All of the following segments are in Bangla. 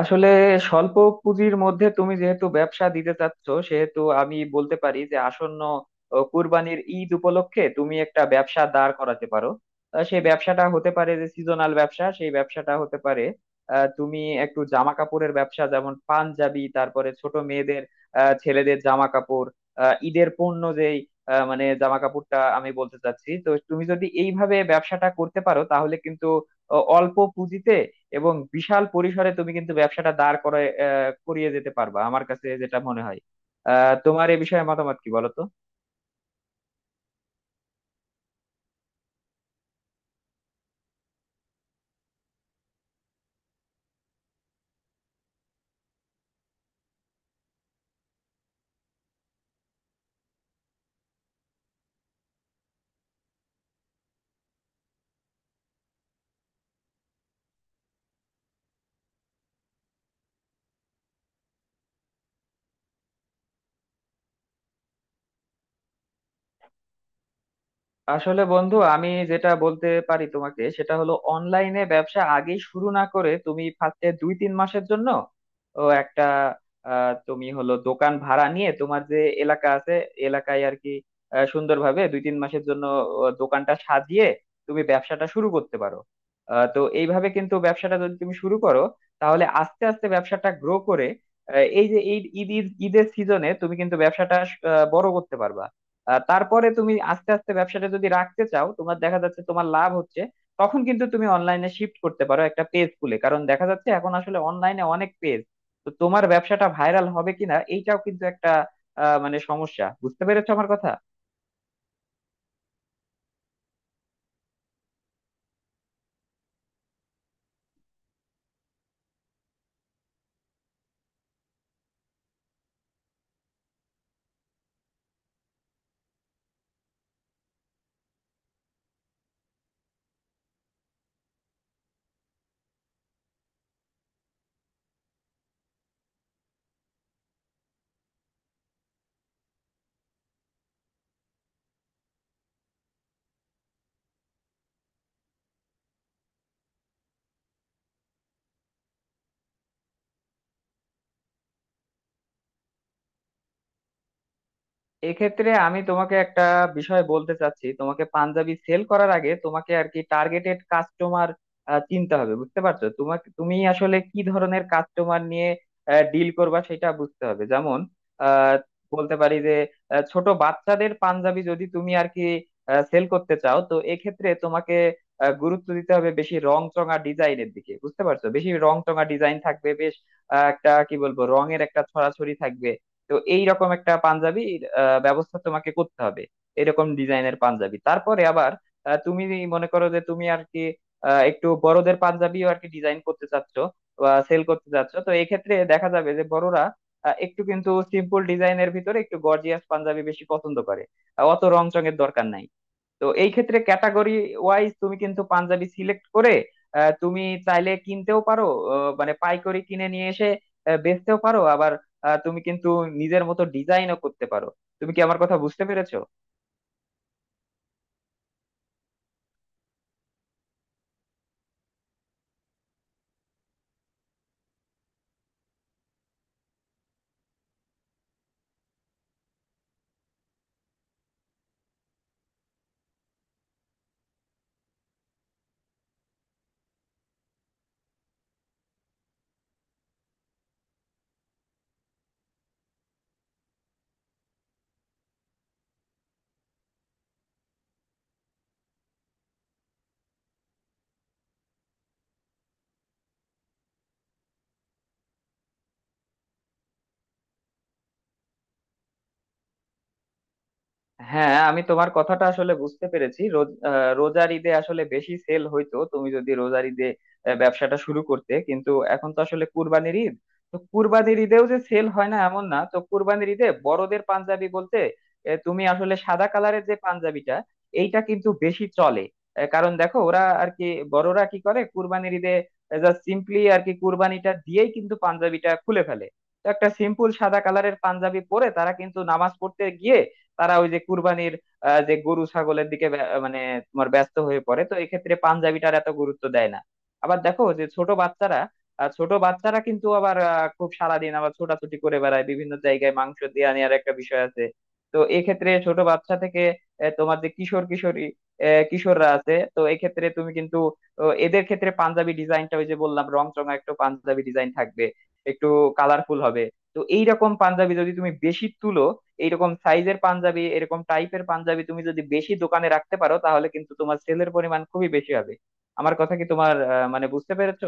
আসলে স্বল্প পুঁজির মধ্যে তুমি যেহেতু ব্যবসা দিতে চাচ্ছ সেহেতু আমি বলতে পারি যে আসন্ন কুরবানির ঈদ উপলক্ষে তুমি একটা ব্যবসা দাঁড় করাতে পারো। সেই ব্যবসাটা হতে পারে যে সিজনাল ব্যবসা, সেই ব্যবসাটা হতে পারে তুমি একটু জামা কাপড়ের ব্যবসা, যেমন পাঞ্জাবি, তারপরে ছোট মেয়েদের ছেলেদের জামা কাপড়, ঈদের পণ্য যেই মানে জামা কাপড়টা আমি বলতে চাচ্ছি। তো তুমি যদি এইভাবে ব্যবসাটা করতে পারো তাহলে কিন্তু অল্প পুঁজিতে এবং বিশাল পরিসরে তুমি কিন্তু ব্যবসাটা দাঁড় করে করিয়ে যেতে পারবা, আমার কাছে যেটা মনে হয়। তোমার এ বিষয়ে মতামত কি বলো তো? আসলে বন্ধু, আমি যেটা বলতে পারি তোমাকে সেটা হলো অনলাইনে ব্যবসা আগে শুরু না করে তুমি ফার্স্টে দুই তিন মাসের জন্য একটা তুমি হলো দোকান ভাড়া নিয়ে তোমার যে এলাকা আছে এলাকায় আর কি সুন্দরভাবে দুই তিন মাসের জন্য দোকানটা সাজিয়ে তুমি ব্যবসাটা শুরু করতে পারো। তো এইভাবে কিন্তু ব্যবসাটা যদি তুমি শুরু করো তাহলে আস্তে আস্তে ব্যবসাটা গ্রো করে এই যে ঈদ ঈদ, ঈদের সিজনে তুমি কিন্তু ব্যবসাটা বড় করতে পারবা। তারপরে তুমি আস্তে আস্তে ব্যবসাটা যদি রাখতে চাও, তোমার দেখা যাচ্ছে তোমার লাভ হচ্ছে, তখন কিন্তু তুমি অনলাইনে শিফট করতে পারো একটা পেজ খুলে, কারণ দেখা যাচ্ছে এখন আসলে অনলাইনে অনেক পেজ। তো তোমার ব্যবসাটা ভাইরাল হবে কিনা এইটাও কিন্তু একটা মানে সমস্যা। বুঝতে পেরেছো আমার কথা? এক্ষেত্রে আমি তোমাকে একটা বিষয় বলতে চাচ্ছি। তোমাকে পাঞ্জাবি সেল করার আগে তোমাকে আর কি টার্গেটেড কাস্টমার চিনতে হবে। বুঝতে পারছো, তোমাকে তুমি আসলে কি ধরনের কাস্টমার নিয়ে ডিল করবা সেটা বুঝতে হবে। যেমন আহ, বলতে পারি যে ছোট বাচ্চাদের পাঞ্জাবি যদি তুমি আর কি সেল করতে চাও, তো এক্ষেত্রে তোমাকে গুরুত্ব দিতে হবে বেশি রং চঙা ডিজাইনের দিকে। বুঝতে পারছো, বেশি রং চঙা ডিজাইন থাকবে, বেশ একটা কি বলবো রঙের একটা ছড়াছড়ি থাকবে। তো এইরকম একটা পাঞ্জাবির ব্যবস্থা তোমাকে করতে হবে, এরকম ডিজাইনের পাঞ্জাবি। তারপরে আবার তুমি মনে করো যে তুমি আর কি একটু বড়দের পাঞ্জাবিও আর কি ডিজাইন করতে চাচ্ছ বা সেল করতে চাচ্ছ, তো এক্ষেত্রে দেখা যাবে যে বড়রা একটু কিন্তু সিম্পল ডিজাইনের ভিতরে একটু গর্জিয়াস পাঞ্জাবি বেশি পছন্দ করে। অত রং চঙের দরকার নাই। তো এই ক্ষেত্রে ক্যাটাগরি ওয়াইজ তুমি কিন্তু পাঞ্জাবি সিলেক্ট করে তুমি চাইলে কিনতেও পারো, মানে পাইকারি কিনে নিয়ে এসে বেচতেও পারো। আবার তুমি কিন্তু নিজের মতো ডিজাইনও করতে পারো। তুমি কি আমার কথা বুঝতে পেরেছো? হ্যাঁ, আমি তোমার কথাটা আসলে বুঝতে পেরেছি। রোজার ঈদে আসলে বেশি সেল হইতো। তুমি যদি রোজার ঈদে ব্যবসাটা শুরু করতে, কিন্তু এখন তো আসলে কুরবানির ঈদ। তো কুরবানির ঈদেও যে সেল হয় না এমন না। তো কুরবানির ঈদে বড়দের পাঞ্জাবি বলতে তুমি আসলে সাদা কালারের যে পাঞ্জাবিটা, এইটা কিন্তু বেশি চলে। কারণ দেখো, ওরা আর কি, বড়রা কি করে কুরবানির ঈদে, জাস্ট সিম্পলি আর কি কুরবানিটা দিয়েই কিন্তু পাঞ্জাবিটা খুলে ফেলে। তো একটা সিম্পল সাদা কালারের পাঞ্জাবি পরে তারা কিন্তু নামাজ পড়তে গিয়ে তারা ওই যে কুরবানির যে গরু ছাগলের দিকে মানে তোমার ব্যস্ত হয়ে পড়ে, তো এক্ষেত্রে পাঞ্জাবিটার এত গুরুত্ব দেয় না। আবার দেখো যে ছোট বাচ্চারা, ছোট বাচ্চারা কিন্তু আবার খুব সারাদিন আবার ছোটাছুটি করে বেড়ায় বিভিন্ন জায়গায়, মাংস দিয়ে নেওয়ার একটা বিষয় আছে। তো এক্ষেত্রে ছোট বাচ্চা থেকে তোমার যে কিশোর কিশোরী কিশোররা আছে, তো এক্ষেত্রে তুমি কিন্তু এদের ক্ষেত্রে পাঞ্জাবি ডিজাইনটা ওই যে বললাম রং চঙা একটু পাঞ্জাবি ডিজাইন থাকবে, একটু কালারফুল হবে। তো এইরকম পাঞ্জাবি যদি তুমি বেশি তুলো, এইরকম সাইজের পাঞ্জাবি, এরকম টাইপের পাঞ্জাবি তুমি যদি বেশি দোকানে রাখতে পারো, তাহলে কিন্তু তোমার সেলের পরিমাণ খুবই বেশি হবে। আমার কথা কি তোমার মানে বুঝতে পেরেছো?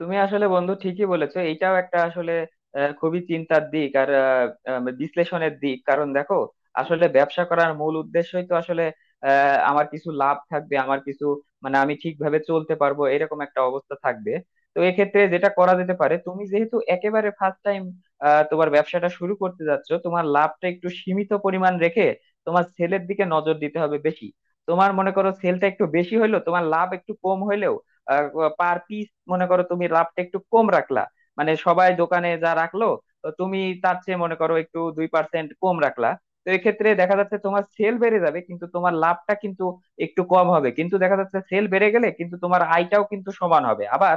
তুমি আসলে বন্ধু ঠিকই বলেছো। এইটাও একটা আসলে খুবই চিন্তার দিক আর আহ, আহ, বিশ্লেষণের দিক। কারণ দেখো, আসলে ব্যবসা করার মূল উদ্দেশ্যই তো আসলে আমার কিছু লাভ থাকবে, আমার কিছু মানে আমি ঠিকভাবে চলতে পারবো এরকম একটা অবস্থা থাকবে। তো এক্ষেত্রে যেটা করা যেতে পারে, তুমি যেহেতু একেবারে ফার্স্ট টাইম তোমার ব্যবসাটা শুরু করতে যাচ্ছ, তোমার লাভটা একটু সীমিত পরিমাণ রেখে তোমার সেলের দিকে নজর দিতে হবে বেশি। তোমার মনে করো সেলটা একটু বেশি হইলো তোমার লাভ একটু কম হইলেও, পার পিস মনে করো তুমি লাভটা একটু কম রাখলা মানে সবাই দোকানে যা রাখলো, তো তুমি তার চেয়ে মনে করো একটু 2% কম রাখলা। তো এক্ষেত্রে দেখা যাচ্ছে তোমার সেল বেড়ে যাবে, কিন্তু তোমার লাভটা কিন্তু একটু কম হবে, কিন্তু দেখা যাচ্ছে সেল বেড়ে গেলে কিন্তু তোমার আয়টাও কিন্তু সমান হবে আবার।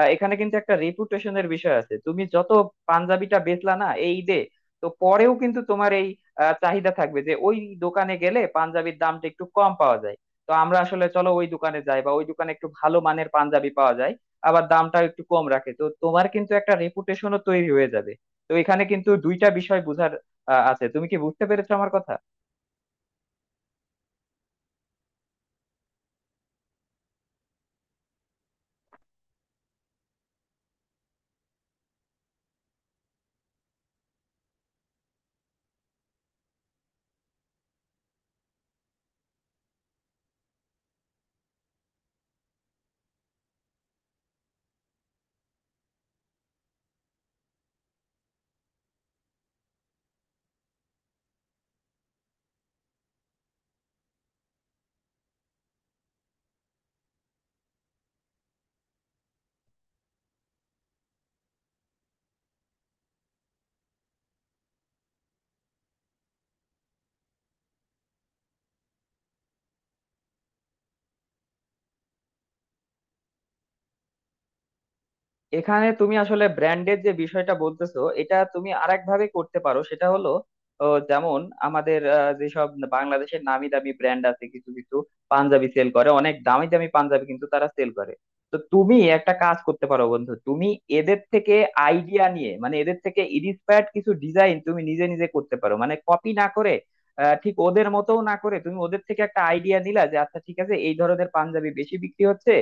এখানে কিন্তু একটা রেপুটেশনের বিষয় আছে। তুমি যত পাঞ্জাবিটা বেচলা না এই ঈদে, তো পরেও কিন্তু তোমার এই চাহিদা থাকবে যে ওই দোকানে গেলে পাঞ্জাবির দামটা একটু কম পাওয়া যায়। তো আমরা আসলে চলো ওই দোকানে যাই, বা ওই দোকানে একটু ভালো মানের পাঞ্জাবি পাওয়া যায় আবার দামটা একটু কম রাখে, তো তোমার কিন্তু একটা রেপুটেশনও তৈরি হয়ে যাবে। তো এখানে কিন্তু দুইটা বিষয় বুঝার আছে। তুমি কি বুঝতে পেরেছো আমার কথা? এখানে তুমি আসলে ব্র্যান্ডের যে বিষয়টা বলতেছো এটা তুমি আরেক ভাবে করতে পারো। সেটা হলো যেমন আমাদের যেসব বাংলাদেশের নামি দামি ব্র্যান্ড আছে কিছু কিছু পাঞ্জাবি সেল করে, অনেক দামি দামি পাঞ্জাবি কিন্তু তারা সেল করে। তো তুমি একটা কাজ করতে পারো বন্ধু, তুমি এদের থেকে আইডিয়া নিয়ে, মানে এদের থেকে ইন্সপায়ার্ড কিছু ডিজাইন তুমি নিজে নিজে করতে পারো, মানে কপি না করে ঠিক ওদের মতো না করে তুমি ওদের থেকে একটা আইডিয়া নিলা যে আচ্ছা ঠিক আছে এই ধরনের পাঞ্জাবি বেশি বিক্রি হচ্ছে,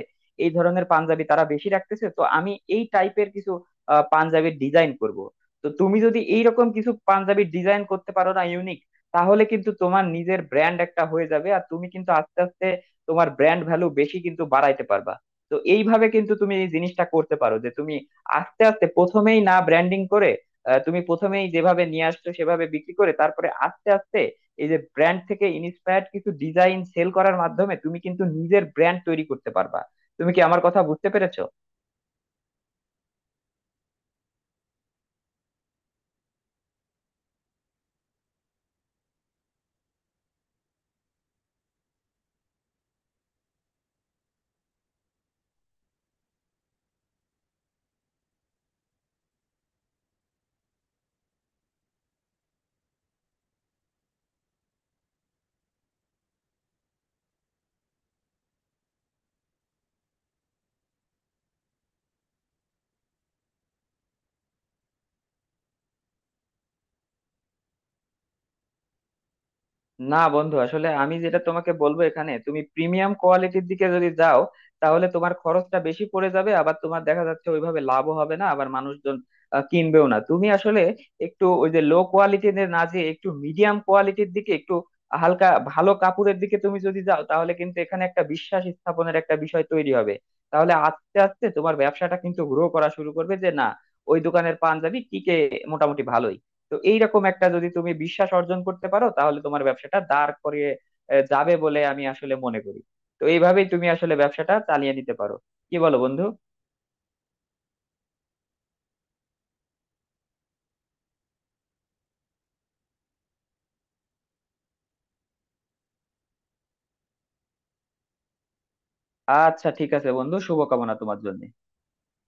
এই ধরনের পাঞ্জাবি তারা বেশি রাখতেছে, তো আমি এই টাইপের কিছু পাঞ্জাবির ডিজাইন করব। তো তুমি যদি এইরকম কিছু পাঞ্জাবির ডিজাইন করতে পারো, না ইউনিক, তাহলে কিন্তু তোমার নিজের ব্র্যান্ড একটা হয়ে যাবে। আর তুমি কিন্তু আস্তে আস্তে তোমার ব্র্যান্ড ভ্যালু বেশি কিন্তু বাড়াইতে পারবা। তো এইভাবে কিন্তু তুমি এই জিনিসটা করতে পারো যে তুমি আস্তে আস্তে প্রথমেই না ব্র্যান্ডিং করে তুমি প্রথমেই যেভাবে নিয়ে আসছো সেভাবে বিক্রি করে, তারপরে আস্তে আস্তে এই যে ব্র্যান্ড থেকে ইন্সপায়ার্ড কিছু ডিজাইন সেল করার মাধ্যমে তুমি কিন্তু নিজের ব্র্যান্ড তৈরি করতে পারবা। তুমি কি আমার কথা বুঝতে পেরেছো? না বন্ধু, আসলে আমি যেটা তোমাকে বলবো, এখানে তুমি প্রিমিয়াম কোয়ালিটির দিকে যদি যাও তাহলে তোমার খরচটা বেশি পড়ে যাবে, আবার তোমার দেখা যাচ্ছে ওইভাবে লাভও হবে না, আবার মানুষজন কিনবেও না। তুমি আসলে একটু ওই যে লো কোয়ালিটির না, যে একটু মিডিয়াম কোয়ালিটির দিকে, একটু হালকা ভালো কাপড়ের দিকে তুমি যদি যাও, তাহলে কিন্তু এখানে একটা বিশ্বাস স্থাপনের একটা বিষয় তৈরি হবে। তাহলে আস্তে আস্তে তোমার ব্যবসাটা কিন্তু গ্রো করা শুরু করবে যে না, ওই দোকানের পাঞ্জাবি টিকে মোটামুটি ভালোই। তো এইরকম একটা যদি তুমি বিশ্বাস অর্জন করতে পারো তাহলে তোমার ব্যবসাটা দাঁড় করিয়ে যাবে বলে আমি আসলে মনে করি। তো এইভাবেই তুমি আসলে ব্যবসাটা চালিয়ে নিতে পারো। কি বলো বন্ধু? আচ্ছা ঠিক আছে বন্ধু, শুভকামনা তোমার জন্য।